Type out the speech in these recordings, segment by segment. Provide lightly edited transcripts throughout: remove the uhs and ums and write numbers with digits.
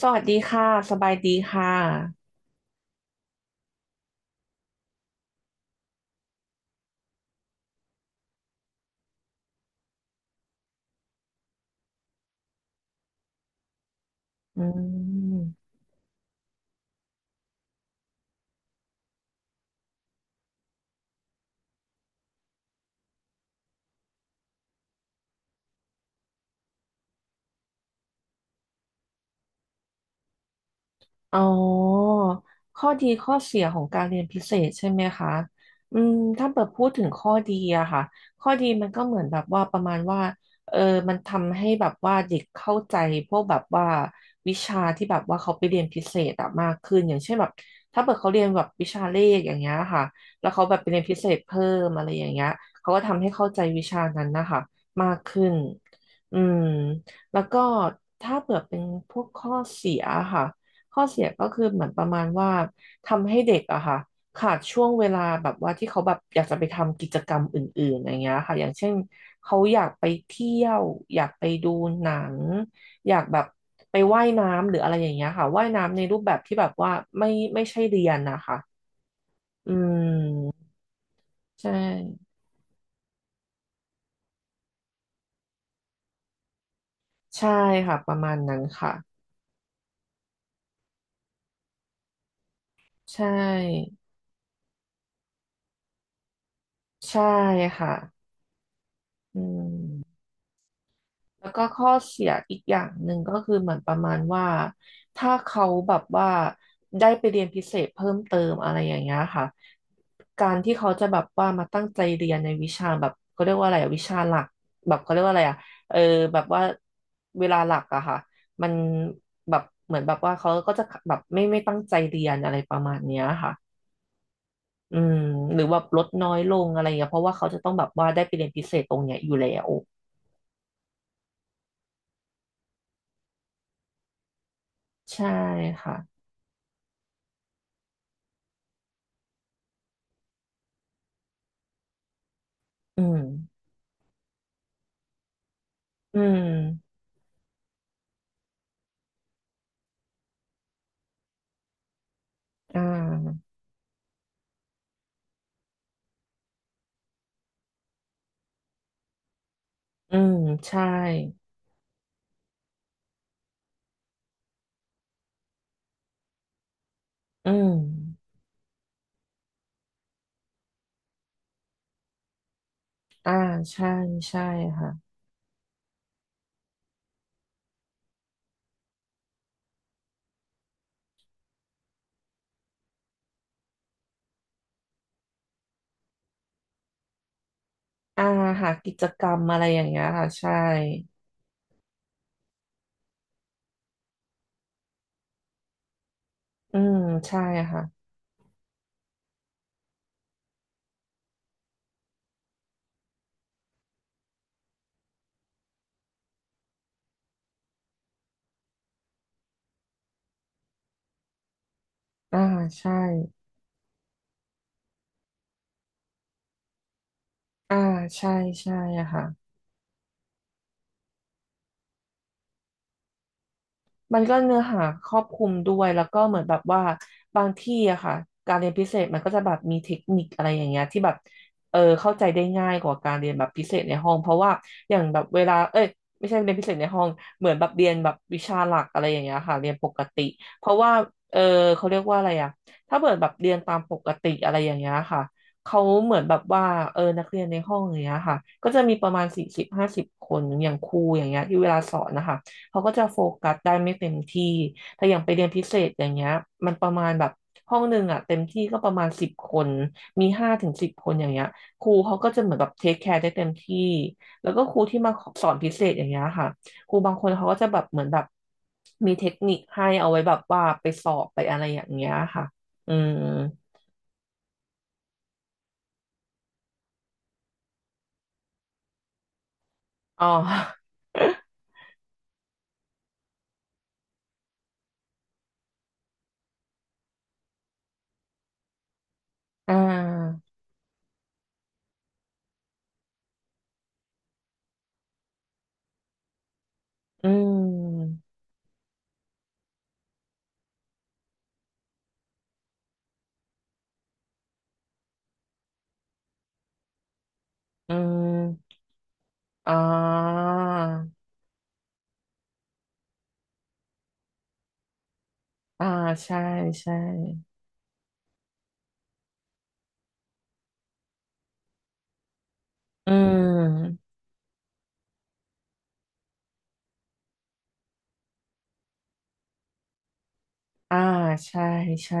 สวัสดีค่ะ สบายดีค่ะอืม อ๋อข้อดีข้อเสียของการเรียนพิเศษใช่ไหมคะอืมถ้าเปิดพูดถึงข้อดีอะค่ะข้อดีมันก็เหมือนแบบว่าประมาณว่าเออมันทำให้แบบว่าเด็กเข้าใจพวกแบบว่าวิชาที่แบบว่าเขาไปเรียนพิเศษอะมากขึ้นอย่างเช่นแบบถ้าเปิดเขาเรียนแบบวิชาเลขอย่างเงี้ยค่ะแล้วเขาแบบไปเรียนพิเศษเพิ่มอะไรอย่างเงี้ยเขาก็ทำให้เข้าใจวิชานั้นนะคะมากขึ้นอืมแล้วก็ถ้าเผื่อเป็นพวกข้อเสียค่ะ ข้อเสียก็คือเหมือนประมาณว่าทำให้เด็กอะค่ะขาดช่วงเวลาแบบว่าที่เขาแบบอยากจะไปทำกิจกรรมอื่นๆอย่างเงี้ยค่ะอย่างเช่นเขาอยากไปเที่ยวอยากไปดูหนังอยากแบบไปว่ายน้ำหรืออะไรอย่างเงี้ยค่ะว่ายน้ำในรูปแบบที่แบบว่าไม่ไม่ใช่เรียนนะคะอืมใช่ใช่ค่ะประมาณนั้นค่ะใช่ใช่ค่ะอืม แล้วก็ข้อเสียอีกอย่างหนึ่งก็คือเหมือนประมาณว่าถ้าเขาแบบว่าได้ไปเรียนพิเศษเพิ่มเติมอะไรอย่างเงี้ยค่ะการที่เขาจะแบบว่ามาตั้งใจเรียนในวิชาแบบเขาเรียกว่าอะไรอะวิชาหลักแบบเขาเรียกว่าอะไรอะเออแบบว่าเวลาหลักอะค่ะมันแบบเหมือนแบบว่าเขาก็จะแบบไม่ตั้งใจเรียนอะไรประมาณเนี้ยค่ะอืมหรือว่าลดน้อยลงอะไรอย่างเงี้ยเพราะว่าเขาจะต้องแบบว่าได้ไปเรียนพิเศษตรงเนี้ยอยู่แล้วใช่ค่ะอืม อืมอ่าอืมใช่อืมอ่าใช่ใช่ค่ะอ่าหากิจกรรมอะไรอย่างเงี้ยค่ะใช่อืมใช่ค่ะอ่าใช่อ่าใช่ใช่ค่ะ มันก็เนื้อหาครอบคลุมด้วยแล้วก็เหมือนแบบว่าบางที่อะค่ะการเรียนพิเศษมันก็จะแบบมีเทคนิคอะไรอย่างเงี้ยที่แบบเข้าใจได้ง่ายกว่าการเรียนแบบพิเศษในห้องเพราะว่าอย่างแบบเวลาเอ้ยไม่ใช่เรียนพิเศษในห้องเหมือนแบบเรียนแบบวิชาหลักอะไรอย่างเงี้ยค่ะเรียนปกติเพราะว่าเออเขาเรียกว่าอะไรอะถ้าเกิดแบบเรียนตามปกติอะไรอย่างเงี้ยค่ะเขาเหมือนแบบว่านักเรียนในห้องอย่างเงี้ยค่ะก็จะมีประมาณ40-50 คนอย่างครูอย่างเงี้ยที่เวลาสอนนะคะ เขาก็จะโฟกัสได้ไม่เต็มที่แต่อย่างไปเรียนพิเศษอย่างเงี้ยมันประมาณแบบห้องหนึ่งอ่ะเต็มที่ก็ประมาณสิบคนมี5-10 คนอย่างเงี้ยครูเขาก็จะเหมือนแบบเทคแคร์ได้เต็มที่แล้วก็ครูที่มาสอนพิเศษอย่างเงี้ยค่ะครูบางคนเขาก็จะแบบเหมือนแบบมีเทคนิคให้เอาไว้แบบว่าไปสอบไปอะไรอย่างเงี้ยค่ะอืมอ๋อ อ่าอืมอืมอ่าอ่าใช่ใช่ อืมอ่าใช่ใช่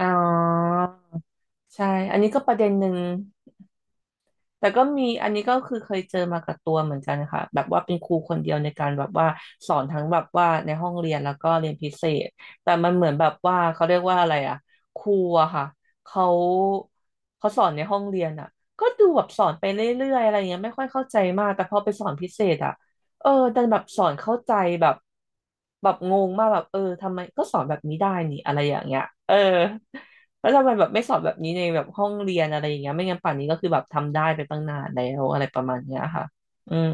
อ๋อใช่อันนี้ก็ประเด็นหนึ่ง แต่ก็มีอันนี้ก็คือเคยเจอมากับตัวเหมือนกันค่ะแบบว่าเป็นครูคนเดียวในการแบบว่าสอนทั้งแบบว่าในห้องเรียนแล้วก็เรียนพิเศษแต่มันเหมือนแบบว่าเขาเรียกว่าอะไรอะครูอะค่ะเขาเขาสอนในห้องเรียนอะก็ดูแบบสอนไปเรื่อยๆอะไรเงี้ยไม่ค่อยเข้าใจมากแต่พอไปสอนพิเศษอะเออดันแบบสอนเข้าใจแบบแบบงงมากแบบเออทำไมก็สอนแบบนี้ได้นี่อะไรอย่างเงี้ยเออ แล้วทำไมแบบไม่สอนแบบนี้ในแบบห้องเรียนอะไรอย่างเงี้ยไม่งั้นป่านนี้ก็คือแบบทำได้ไปตั้งนานแล้วอะไรประมาณเนี้ยค่ะอืม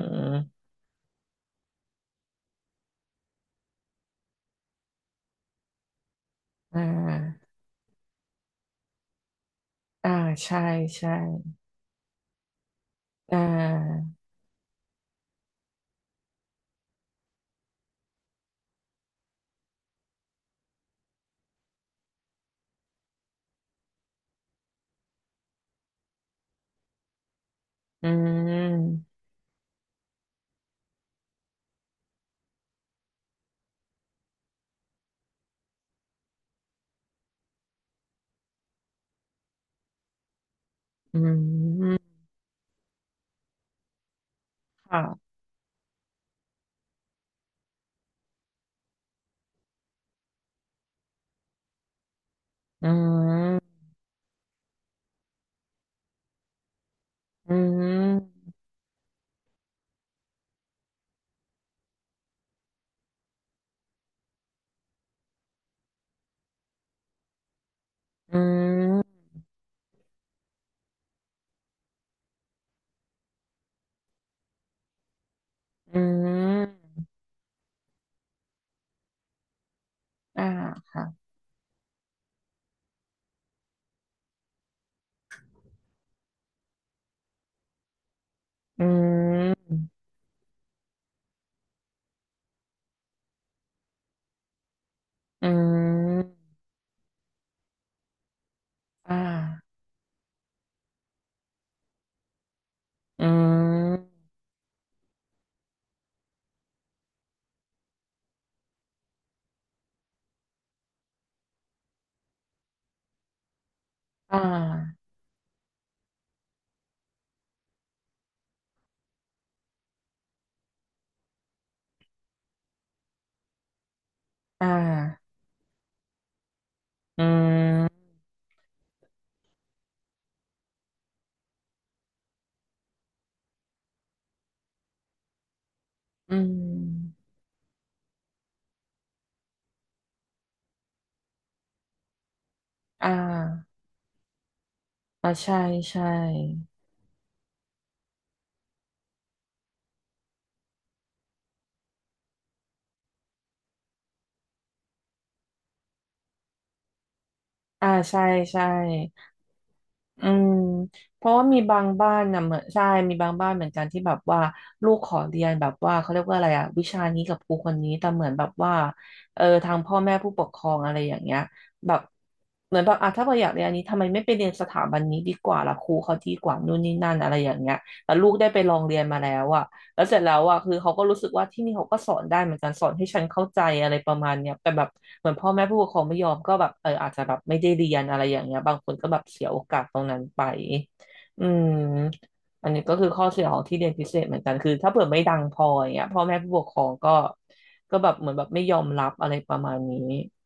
อ่าอ่าใช่ใช่อ่าอืมอืมค่ะอืมอืมอืมอืมอ่าค่ะอืมอืมอ่าอืมอ่าอ่าอืมอืมอ่าอ่าใช่ใช่ อ่าใช่ใช่อืมเพราะว่ามีบางบ้านนะเหมือนใช่มีบางบ้านเหมือนกันที่แบบว่าลูกขอเรียนแบบว่าเขาเรียกว่าอะไรอะวิชานี้กับครูคนนี้แต่เหมือนแบบว่าทางพ่อแม่ผู้ปกครองอะไรอย่างเงี้ยแบบเหมือนแบบอ่ะถ้าเราอยากเรียนอันนี้ทำไมไม่ไปเรียนสถาบันนี้ดีกว่าล่ะครูเขาดีกว่านู่นนี่นั่นอะไรอย่างเงี้ยแต่ลูกได้ไปลองเรียนมาแล้วอะแล้วเสร็จแล้วอะคือเขาก็รู้สึกว่าที่นี่เขาก็สอนได้เหมือนกันสอนให้ฉันเข้าใจอะไรประมาณเนี้ยแต่แบบ เหมือนพ่อแม่ผู้ปกครองไม่ยอมก็แบบอาจจะแบบไม่ได้เรียนอะไรอย่างเงี้ยบางคนก็แบบเสียโอกาสตรงนั้นไปอืมอันนี้ก็คือข้อเสียของที่เรียนพิเศษเหมือนกันคือถ้าเผื่อไม่ดังพออย่างเงี้ยพ่อแม่ผู้ปกครองก็แบบเหมือนแบบไม่ยอมรับอะไรประมาณนี้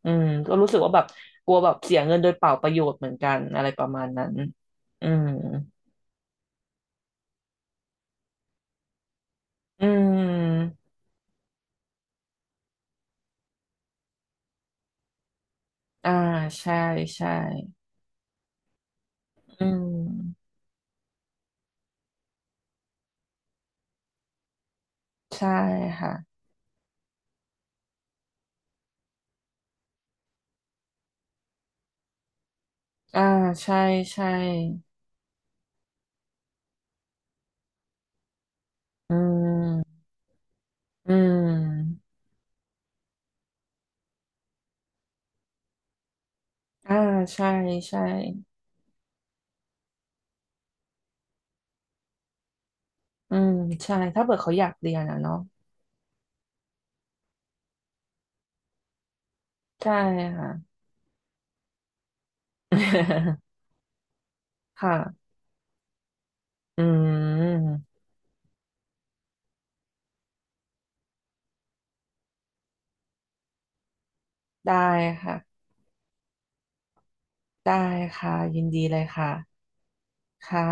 อืมก็รู้สึกว่าแบบกลัวแบบเสียเงินโดยเปล่าประโยชน์เหมือนกันอะไรประมาณนั้นอืมอืมอ่าใช่ใช่อืมใช่ค่ะอ่าใช่ใช่อืม อืมอ่าใช่ใช่ อืมใช่ ถ้าเกิดเขาอยากเรียนอะเนาะใช่ค่ะ ค่ะ อืมได้ค่ะ ได้ค่ะ ยินดีเลยค่ะ ค่ะ